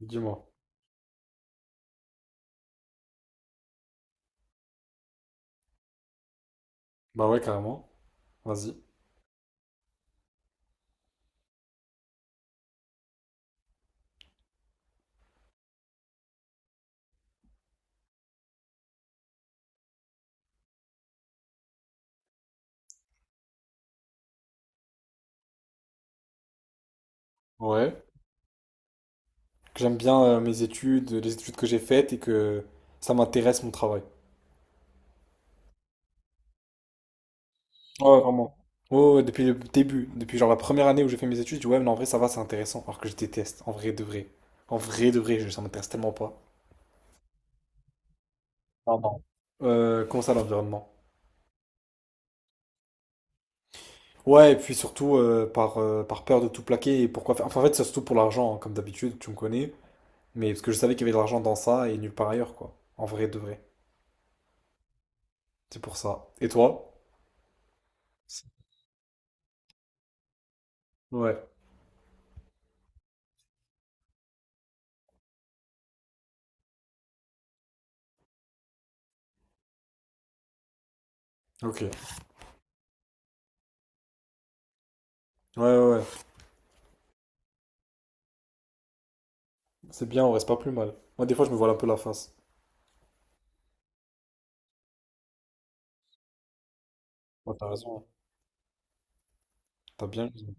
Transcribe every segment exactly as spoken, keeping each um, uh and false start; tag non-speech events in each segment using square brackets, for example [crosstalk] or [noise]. Dis-moi. Bah ouais, carrément. Vas-y. Ouais. Que J'aime bien euh, mes études, les études que j'ai faites et que ça m'intéresse mon travail. Ouais, vraiment. Ouais, ouais, depuis le début, depuis genre la première année où j'ai fait mes études, je dis ouais, mais non, en vrai, ça va, c'est intéressant. Alors que je déteste, en vrai de vrai. En vrai de vrai, je- ça m'intéresse tellement pas. Non, non. Euh, comment ça, l'environnement? Ouais, et puis surtout euh, par, euh, par peur de tout plaquer et pourquoi faire. Enfin, en fait, c'est surtout pour l'argent, hein, comme d'habitude, tu me connais. Mais parce que je savais qu'il y avait de l'argent dans ça et nulle part ailleurs, quoi. En vrai de vrai. C'est pour ça. Et toi? Ouais, ok. Ouais, ouais, ouais. C'est bien, on reste pas plus mal. Moi, des fois, je me voile un peu la face. Ouais, t'as raison. T'as bien raison.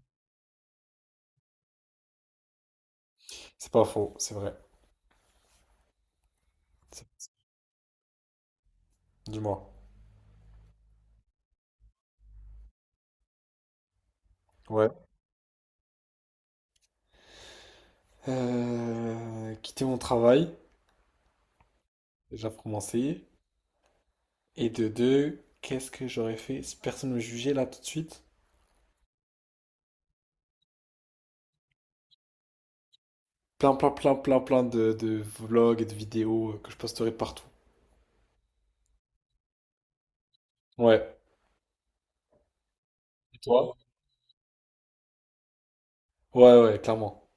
C'est pas faux, c'est vrai. C'est- Dis-moi. Ouais. Euh, quitter mon travail, déjà pour commencer. Et de deux, qu'est-ce que j'aurais fait si personne me jugeait là tout de suite? Plein, plein, plein, plein, plein de, de vlogs et de vidéos euh, que je posterai partout. Ouais. Et toi? Ouais, ouais, clairement.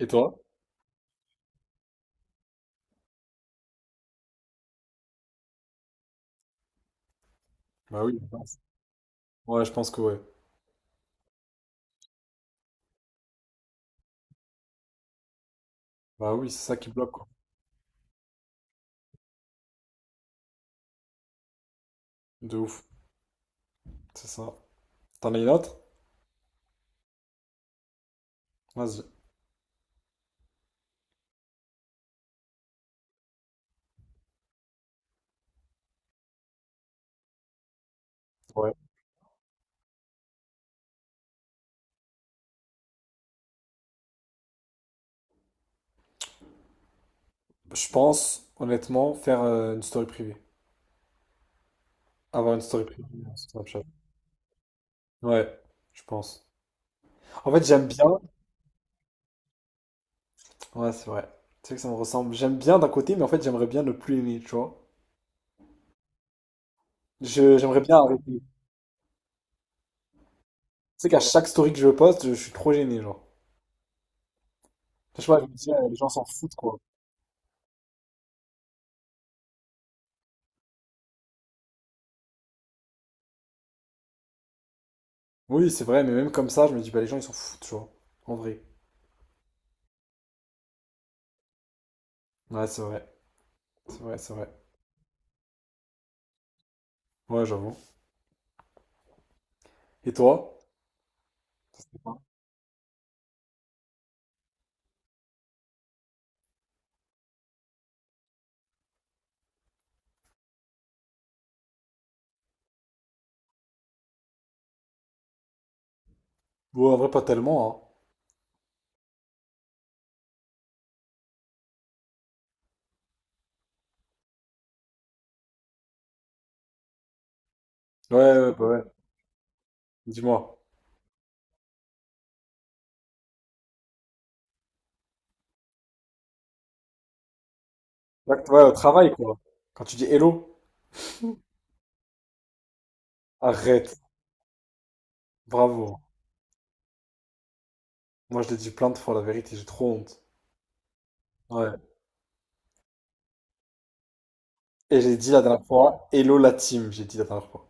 Et toi? Bah oui, je pense. Ouais, je pense que ouais. Bah oui, c'est ça qui bloque, quoi. De ouf. C'est ça. T'en as une autre? Vas-y. Ouais. Je pense, honnêtement, faire euh, une story privée. Avoir une story privée sur Snapchat. Ouais, je pense. En fait, j'aime bien. Ouais, c'est vrai. Tu sais que ça me ressemble. J'aime bien d'un côté, mais en fait, j'aimerais bien ne plus aimer, tu vois. Je, j'aimerais bien arrêter. Tu sais qu'à chaque story que je poste, je suis trop gêné, genre. Je sais pas, je me dis, euh, les gens s'en foutent, quoi. Oui, c'est vrai, mais même comme ça, je me dis, bah, les gens, ils s'en foutent, tu vois. En vrai. Ouais, c'est vrai. C'est vrai, c'est vrai. Ouais, j'avoue. Et toi? Ouais, en vrai, pas tellement, hein. Ouais, ouais, bah ouais. Dis-moi. Là, que- ouais, au travail, quoi. Quand tu dis hello, arrête. Bravo. Moi, je l'ai dit plein de fois, la vérité, j'ai trop honte. Ouais. Et j'ai dit la dernière fois, hello la team, j'ai dit la dernière fois.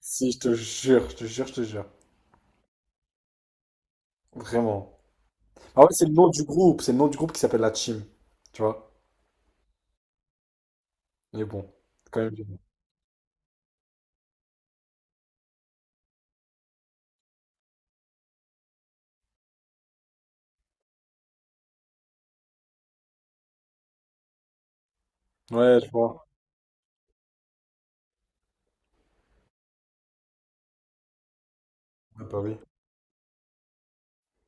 Si, je te jure, je te jure, je te jure. Vraiment. Ah ouais, c'est le nom du groupe, c'est le nom du groupe qui s'appelle la team. Tu vois? Mais bon, c'est quand même bien. Ouais, je vois. Ouais, bah oui.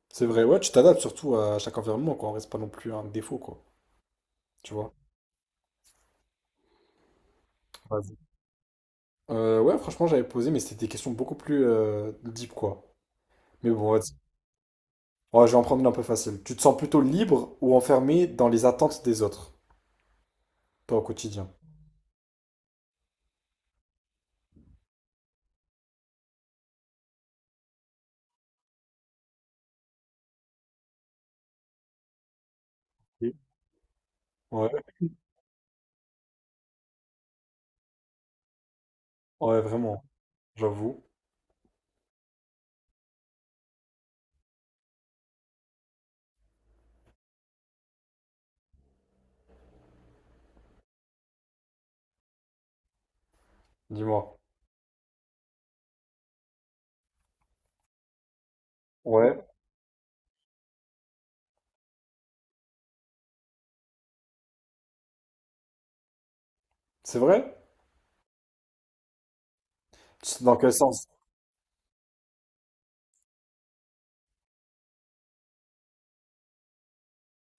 C'est vrai, ouais, tu t'adaptes surtout à chaque environnement, quoi. On reste pas non plus un défaut, quoi. Tu vois? Vas-y. Euh, ouais, franchement, j'avais posé, mais c'était des questions beaucoup plus euh, deep, quoi. Mais bon, vas-y. Ouais, je vais en prendre une un peu facile. Tu te sens plutôt libre ou enfermé dans les attentes des autres, toi au quotidien? Oui. Ouais, [laughs] ouais, vraiment, j'avoue. Dis-moi. Ouais, c'est vrai? C'est dans quel sens?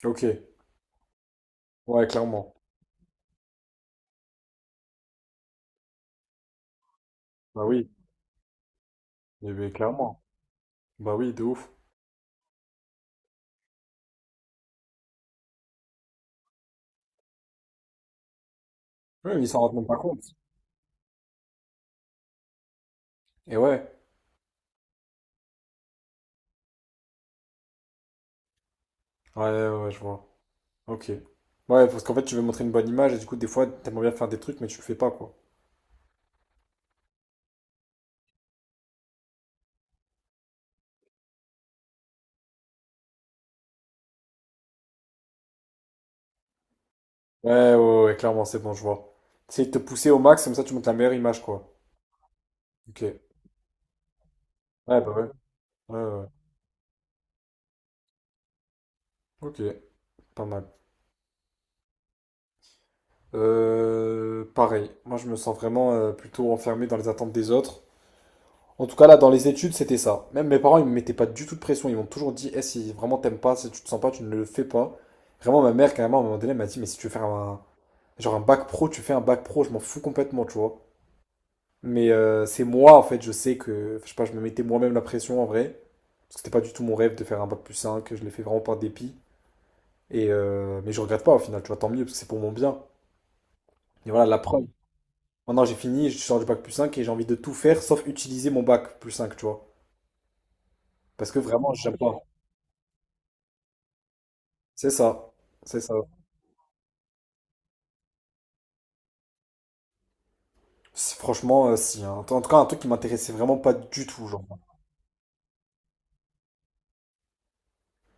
Ok. Ouais, clairement. Bah oui, mais, mais clairement. Bah oui, de ouf. Oui, mais ils s'en rendent même pas compte. Et ouais. Ouais, ouais, ouais, je vois. Ok. Ouais, parce qu'en fait, tu veux montrer une bonne image et du coup, des fois, t'aimerais bien faire des trucs, mais tu le fais pas, quoi. Ouais, ouais, ouais, ouais, clairement, c'est bon, je vois. C'est de te pousser au max, comme ça, tu montes la meilleure image, quoi. Ok. Ouais, bah ouais. Ouais, ouais, ouais. Ok, pas mal. Euh, pareil, moi je me sens vraiment euh, plutôt enfermé dans les attentes des autres. En tout cas là, dans les études, c'était ça. Même mes parents, ils me mettaient pas du tout de pression. Ils m'ont toujours dit, eh, si vraiment t'aimes pas, si tu te sens pas, tu ne le fais pas. Vraiment, ma mère, carrément, à un moment donné, elle m'a dit, mais si tu veux faire un, genre un bac pro, tu fais un bac pro, je m'en fous complètement, tu vois. Mais euh, c'est moi, en fait, je sais que, je sais pas, je me mettais moi-même la pression en vrai. Parce que c'était pas du tout mon rêve de faire un bac plus cinq, je l'ai fait vraiment par dépit. Et euh, mais je regrette pas au final, tu vois, tant mieux, parce que c'est pour mon bien. Et voilà, la preuve. Maintenant, j'ai fini, je sors du bac plus cinq et j'ai envie de tout faire sauf utiliser mon bac plus cinq, tu vois. Parce que vraiment, j'aime pas. C'est ça. C'est ça. Si- Franchement, euh, si. Hein. En tout en tout cas, un truc qui m'intéressait vraiment pas du tout, genre.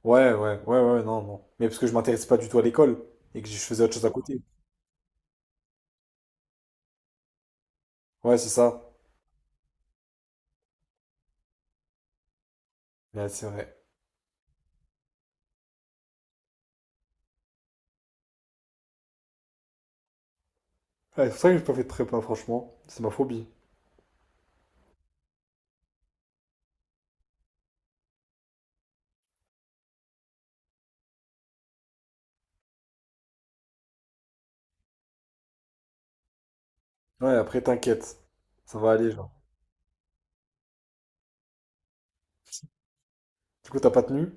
Ouais, ouais, ouais, ouais, non, non. Mais parce que je m'intéressais pas du tout à l'école et que je faisais autre chose à côté. Ouais, c'est ça. Ouais, c'est vrai. Ouais, c'est pour ça que j'ai pas fait de prépa, franchement. C'est ma phobie. Ouais, après, t'inquiète. Ça va aller, genre. Du coup, t'as pas tenu?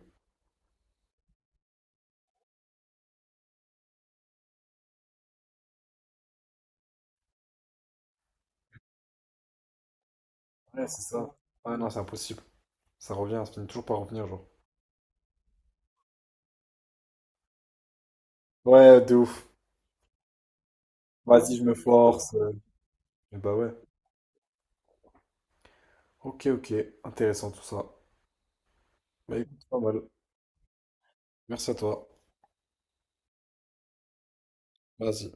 Ouais, c'est ça. Ouais, non, c'est impossible. Ça revient, ça finit toujours par revenir, genre. Ouais, de ouf. Vas-y, je me force. euh. Mais bah ouais. Ok, ok, intéressant tout ça. Bah écoute, pas mal. Merci à toi. Vas-y.